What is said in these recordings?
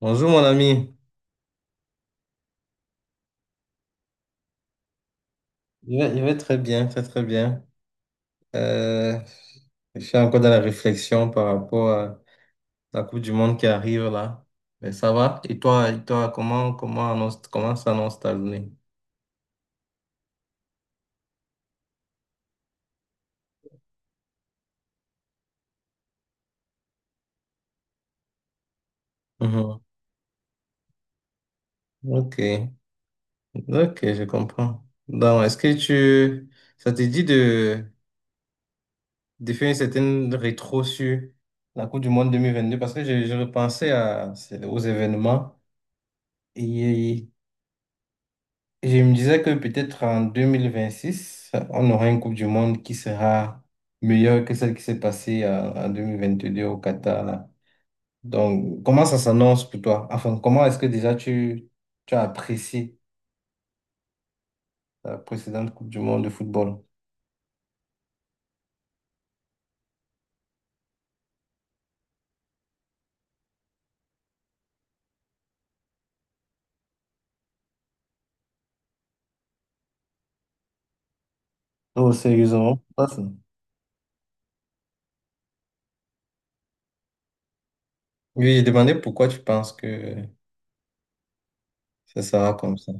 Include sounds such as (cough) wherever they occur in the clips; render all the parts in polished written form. Bonjour mon ami, je vais très bien, très très bien. Euh, je suis encore dans la réflexion par rapport à la Coupe du Monde qui arrive là. Mais ça va? Et toi, comment s'annonce ta journée? Mhm. Ok, ok, je comprends. Ça te dit de faire une certaine rétro sur la Coupe du Monde 2022? Parce que je repensais aux événements. Et Je me disais que peut-être en 2026 on aura une Coupe du Monde qui sera meilleure que celle qui s'est passée en 2022 au Qatar, là. Donc, comment ça s'annonce pour toi? Enfin, comment est-ce que déjà tu, tu as apprécié la précédente Coupe du Monde de football? Oh, sérieusement? Pas ça. Oui, j'ai demandé pourquoi tu penses que ça sera comme ça.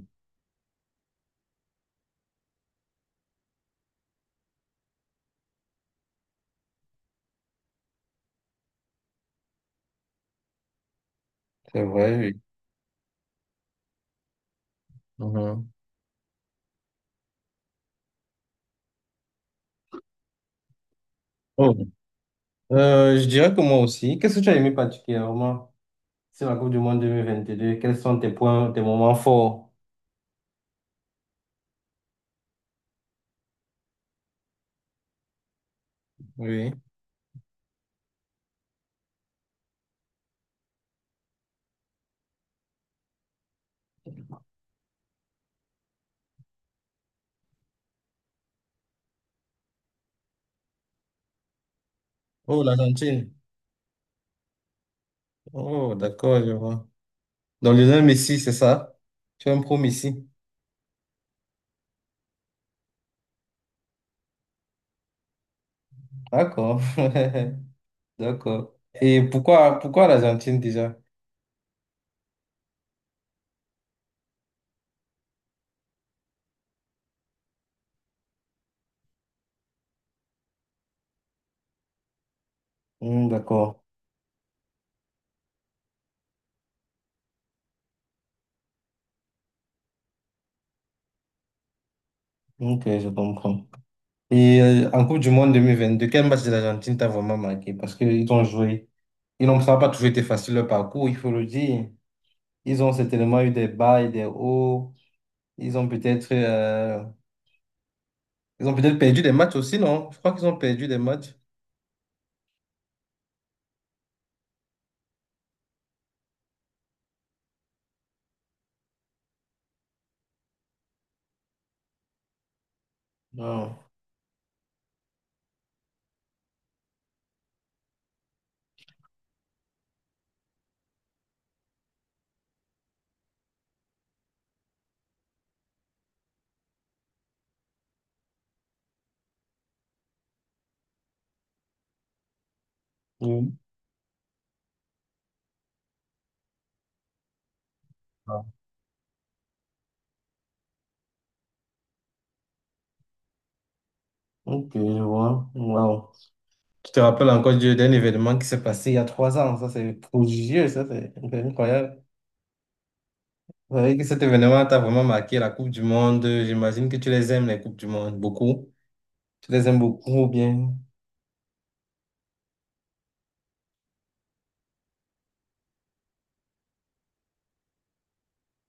C'est vrai, oui. Mhm. Oh. Je dirais que moi aussi. Qu'est-ce que tu as aimé particulièrement sur la Coupe du Monde deux mille vingt-deux? Quels sont tes points, tes moments forts? Oui. Oh, l'Argentine. Oh, d'accord, je vois. Dans le nom Messi, c'est ça? Tu es un pro Messi. D'accord. (laughs) D'accord. Et pourquoi l'Argentine déjà? Hmm, d'accord. Ok, je comprends. Et en Coupe du Monde 2022, quel match de l'Argentine t'a vraiment marqué? Parce qu'ils ont joué. Ils n'ont Ça n'a pas toujours été facile leur parcours, il faut le dire. Ils ont certainement eu des bas et des hauts. Ils ont peut-être euh, Ils ont peut-être perdu des matchs aussi, non? Je crois qu'ils ont perdu des matchs. Non. Oui. Ok, je vois. Wow. Tu te rappelles encore d'un événement qui s'est passé il y a 3 ans. Ça, c'est prodigieux. Ça, c'est incroyable. Vous savez que cet événement t'a vraiment marqué la Coupe du Monde. J'imagine que tu les aimes, les Coupes du Monde, beaucoup. Tu les aimes beaucoup ou bien.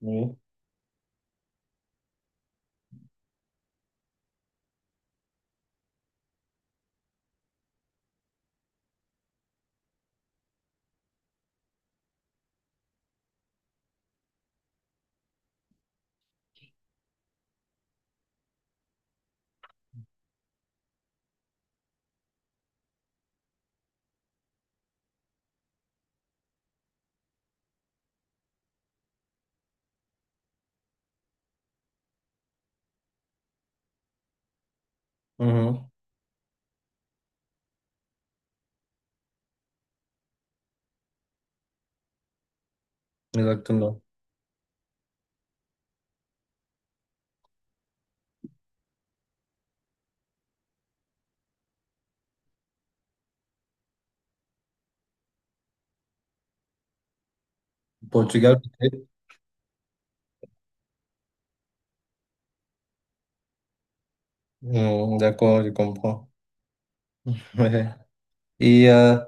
Oui. Mhm. Exactement. Portugal, peut-être. Mhm, d'accord, je comprends. (laughs) Ouais. Et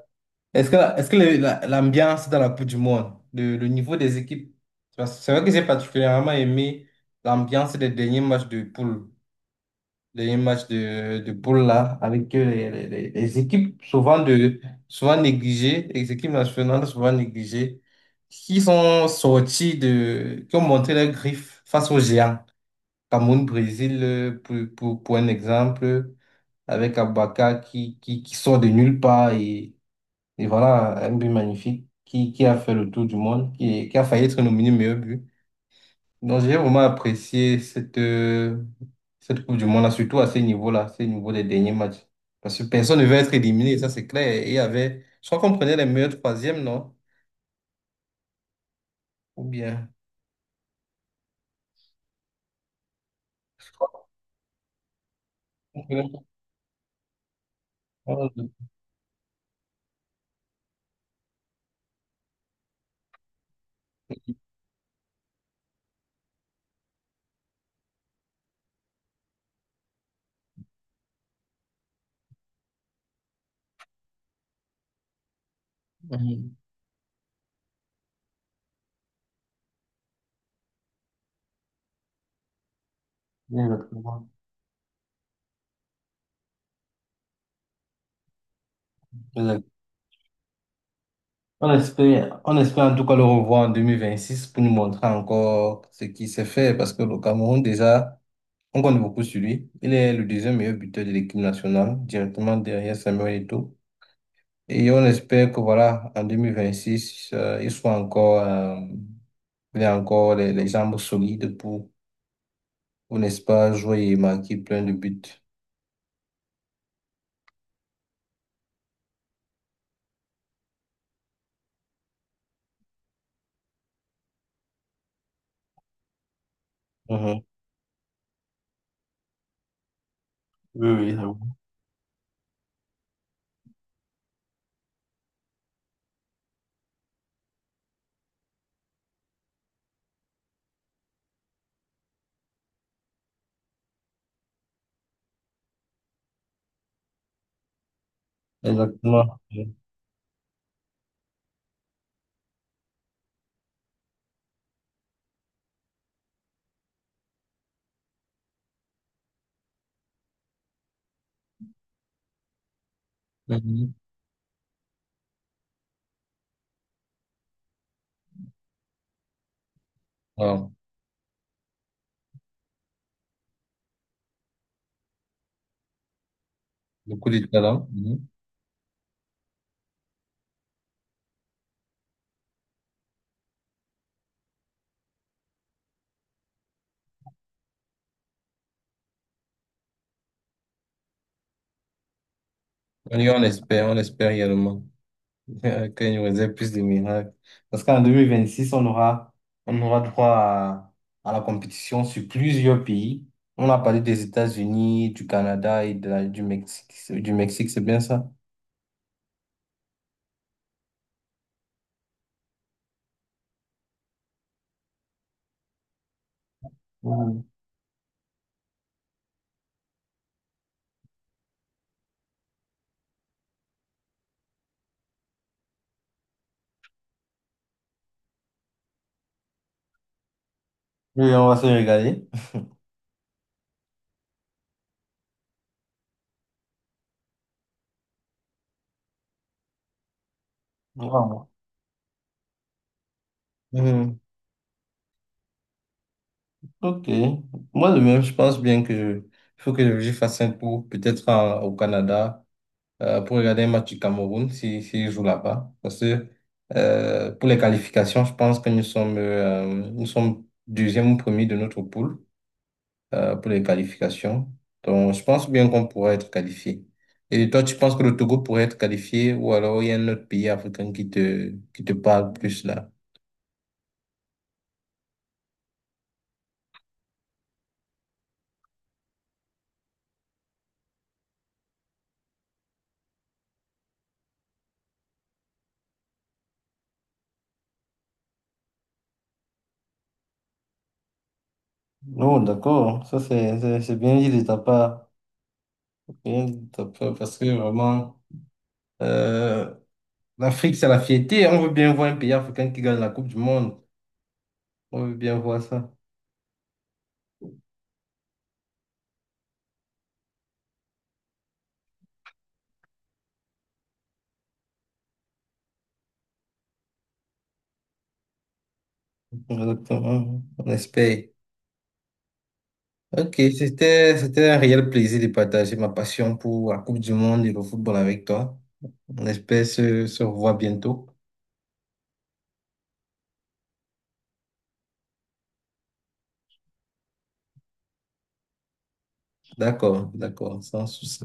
est-ce que, est-ce que l'ambiance dans la Coupe du Monde, le niveau des équipes, parce que c'est vrai que j'ai particulièrement aimé l'ambiance des derniers matchs de poule. Dernier match de boule là, avec les, les équipes souvent négligées, les équipes nationales souvent négligées, qui sont qui ont montré leurs griffes face aux géants. Cameroun, Brésil, pour, pour un exemple, avec Abaka qui sort de nulle part et voilà, un but magnifique qui a fait le tour du monde, qui a failli être nominé meilleur but. Donc, j'ai vraiment apprécié cette Coupe du Monde-là, surtout à ce niveau-là, à ce niveau des derniers matchs. Parce que personne ne veut être éliminé, ça c'est clair. Et il y avait, je crois qu'on prenait les meilleurs troisièmes, non? Ou bien. On prenait- Mhm. Exactement. Exact. On espère en tout cas le revoir en 2026 pour nous montrer encore ce qui s'est fait. Parce que le Cameroun, déjà, on compte beaucoup sur lui. Il est le deuxième meilleur buteur de l'équipe nationale, directement derrière Samuel Eto'o. Et on espère que voilà, en 2026, ils soient il ait encore les jambes solides pour, n'est-ce pas, jouer et marquer plein de buts. Mhm. Oui, oui, ça va. Exactement. Mhm. Mhm. Wow. Beaucoup de talent. Mhm. Et on espère également. (laughs) Ok, nous faisais plus de miracles. Parce qu'en 2026, on aura droit à la compétition sur plusieurs pays. On a parlé des États-Unis, du Canada et du Mexique. Du Mexique, c'est bien ça? Mhm. Oui, on va se régaler. Wow. Mhm. Ok. Moi, de même, je pense bien que il faut que je fasse un tour, peut-être au Canada. Pour regarder un match du Cameroun si s'il joue là-bas. Parce que pour les qualifications, je pense que nous sommes deuxième ou premier de notre poule pour les qualifications. Donc, je pense bien qu'on pourrait être qualifié. Et toi, tu penses que le Togo pourrait être qualifié ou alors il y a un autre pays africain qui qui te parle plus là? Non, d'accord, ça c'est bien dit de ta part. Rien de top, parce que vraiment, euh, l'Afrique, c'est la fierté. On veut bien voir un pays africain qui gagne la Coupe du Monde. On veut bien voir ça. Exactement. On espère. Ok, c'était un réel plaisir de partager ma passion pour la Coupe du Monde et le football avec toi. On espère se revoir bientôt. D'accord, d'accord, sans souci.